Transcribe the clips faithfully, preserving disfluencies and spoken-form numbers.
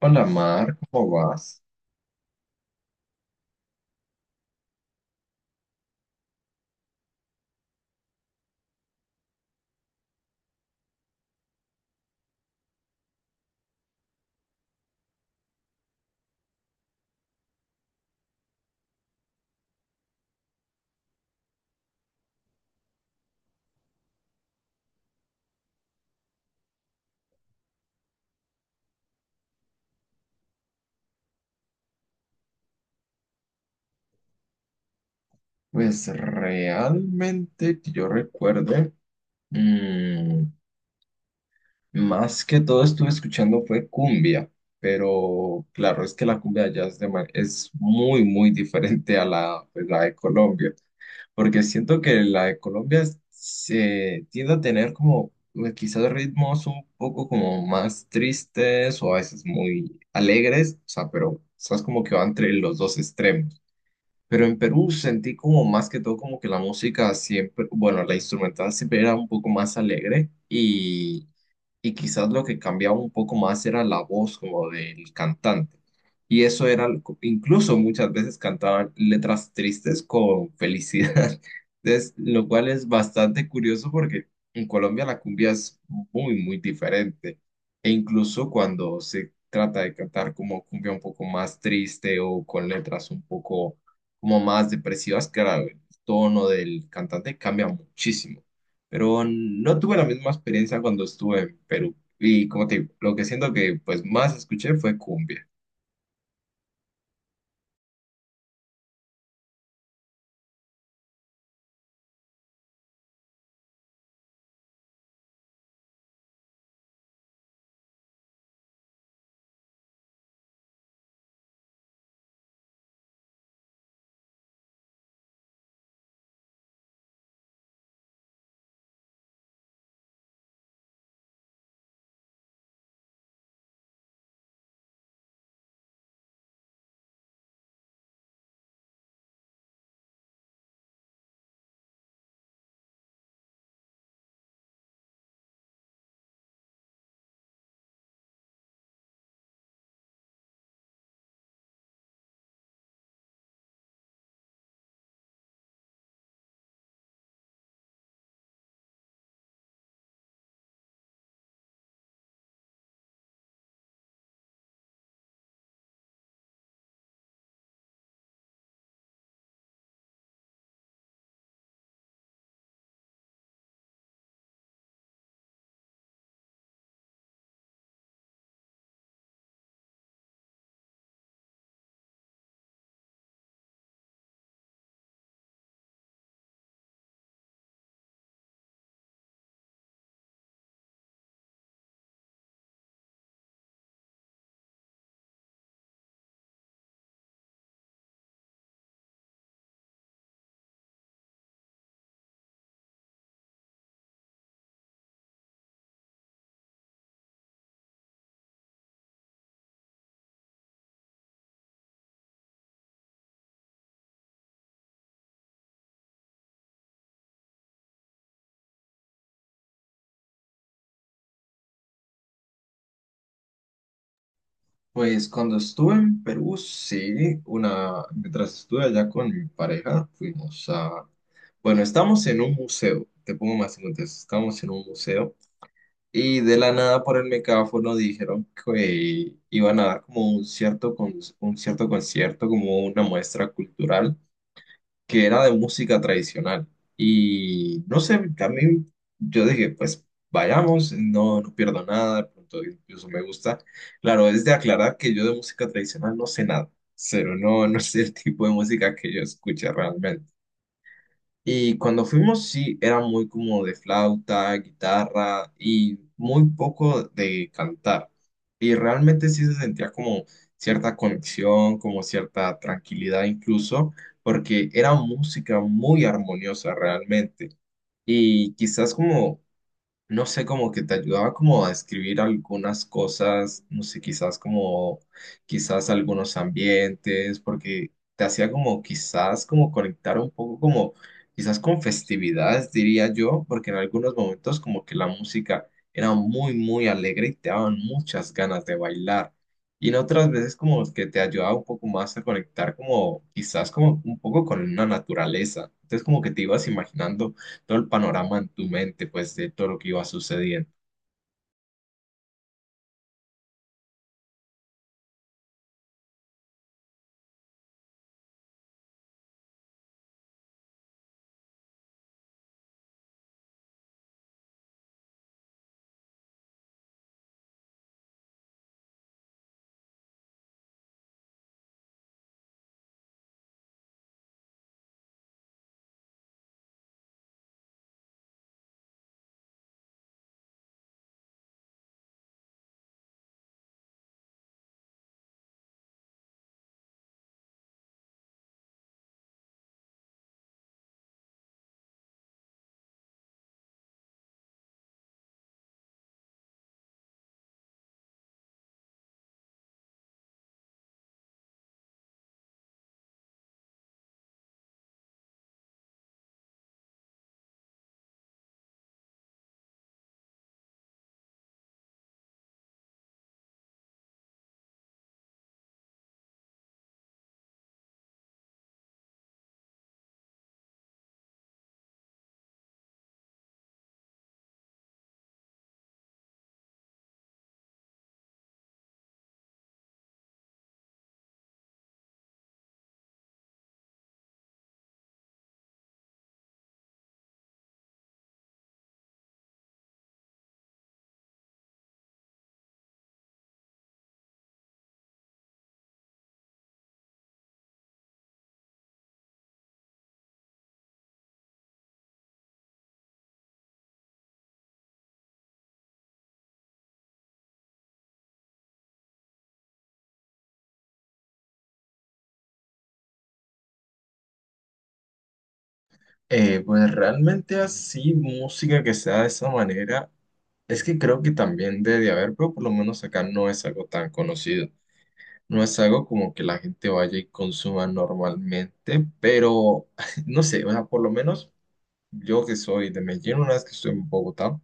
Hola Mar, ¿cómo vas? Pues realmente que yo recuerde, mm, más que todo estuve escuchando fue cumbia, pero claro, es que la cumbia allá es, de ma- es muy, muy diferente a la, pues, la de Colombia, porque siento que la de Colombia es- se tiende a tener como eh, quizás ritmos un poco como más tristes o a veces muy alegres, o sea, pero estás como que va entre los dos extremos. Pero en Perú sentí como más que todo como que la música siempre, bueno, la instrumental siempre era un poco más alegre y, y quizás lo que cambiaba un poco más era la voz como del cantante. Y eso era, lo- incluso muchas veces cantaban letras tristes con felicidad. Entonces, lo cual es bastante curioso porque en Colombia la cumbia es muy, muy diferente. E incluso cuando se trata de cantar como cumbia un poco más triste o con letras un poco como más depresivas, claro, el tono del cantante cambia muchísimo. Pero no tuve la misma experiencia cuando estuve en Perú. Y como te digo, lo que siento que pues más escuché fue cumbia. Pues cuando estuve en Perú, sí, una, mientras estuve allá con mi pareja, fuimos a, bueno, estamos en un museo, te pongo más en contexto, estamos en un museo. Y de la nada por el megáfono dijeron que iban a dar como un cierto, con- un cierto concierto, como una muestra cultural que era de música tradicional. Y no sé, también yo dije, pues vayamos, no, no pierdo nada, de pronto incluso me gusta. Claro, es de aclarar que yo de música tradicional no sé nada, pero no, no es el tipo de música que yo escuché realmente. Y cuando fuimos, sí, era muy como de flauta, guitarra y muy poco de cantar. Y realmente sí se sentía como cierta conexión, como cierta tranquilidad incluso, porque era música muy armoniosa realmente. Y quizás como no sé, como que te ayudaba como a describir algunas cosas, no sé, quizás como, quizás algunos ambientes, porque te hacía como quizás como conectar un poco como, quizás con festividades, diría yo, porque en algunos momentos como que la música era muy, muy alegre y te daban muchas ganas de bailar. Y en otras veces como que te ayudaba un poco más a conectar como, quizás como un poco con la naturaleza. Entonces como que te ibas imaginando todo el panorama en tu mente, pues, de todo lo que iba sucediendo. Eh, pues realmente así, música que sea de esa manera, es que creo que también debe de haber, pero por lo menos acá no es algo tan conocido. No es algo como que la gente vaya y consuma normalmente, pero no sé, o sea, por lo menos yo que soy de Medellín, una vez que estoy en Bogotá,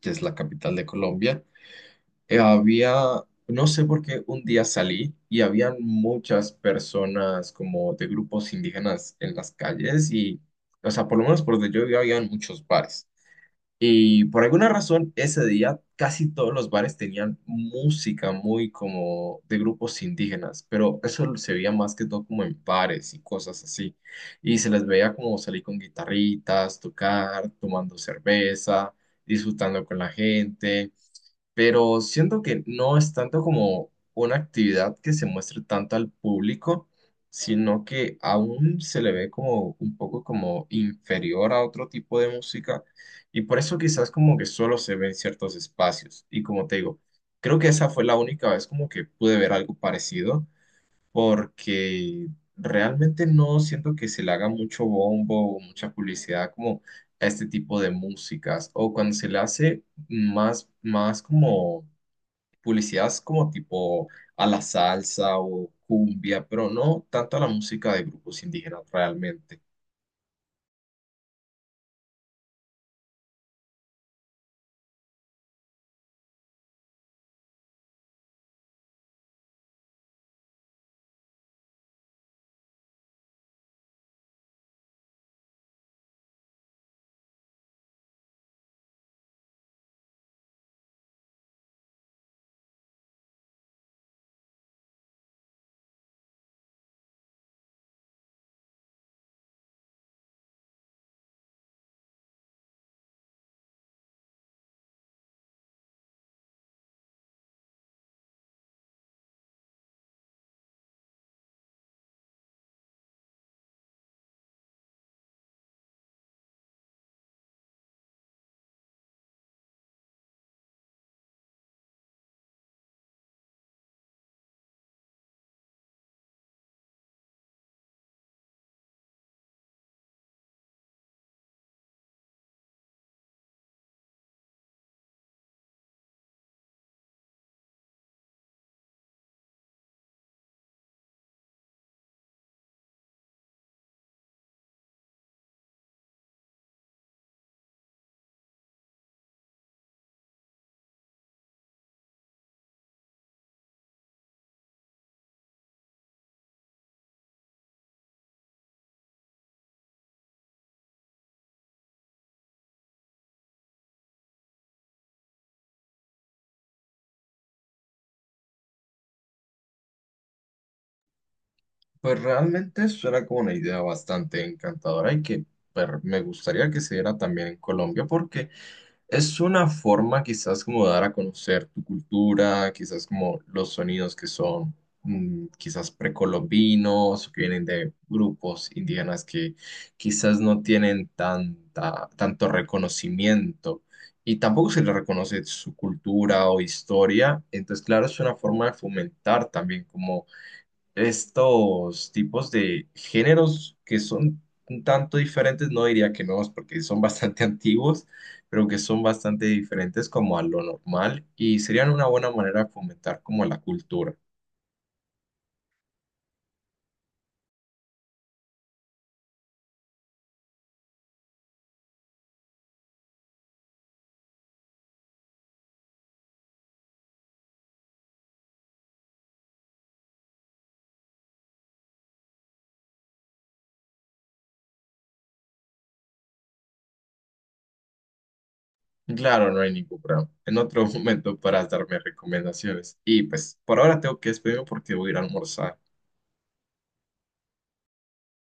que es la capital de Colombia, eh, había, no sé por qué un día salí y habían muchas personas como de grupos indígenas en las calles y, o sea, por lo menos por donde yo vivía habían muchos bares. Y por alguna razón ese día casi todos los bares tenían música muy como de grupos indígenas, pero eso se veía más que todo como en bares y cosas así. Y se les veía como salir con guitarritas, tocar, tomando cerveza, disfrutando con la gente, pero siento que no es tanto como una actividad que se muestre tanto al público, sino que aún se le ve como un poco como inferior a otro tipo de música y por eso quizás como que solo se ve en ciertos espacios. Y como te digo, creo que esa fue la única vez como que pude ver algo parecido porque realmente no siento que se le haga mucho bombo o mucha publicidad como a este tipo de músicas, o cuando se le hace más, más como publicidad es como tipo a la salsa o cumbia, pero no tanto a la música de grupos indígenas realmente. Pues realmente suena como una idea bastante encantadora y que pues, me gustaría que se diera también en Colombia porque es una forma quizás como de dar a conocer tu cultura, quizás como los sonidos que son mm, quizás precolombinos, o que vienen de grupos indígenas que quizás no tienen tanta, tanto reconocimiento y tampoco se les reconoce su cultura o historia. Entonces, claro, es una forma de fomentar también estos tipos de géneros que son un tanto diferentes, no diría que nuevos porque son bastante antiguos, pero que son bastante diferentes como a lo normal y serían una buena manera de fomentar como la cultura. Claro, no hay ningún problema. En otro momento para darme recomendaciones. Y pues por ahora tengo que despedirme porque voy a ir a almorzar.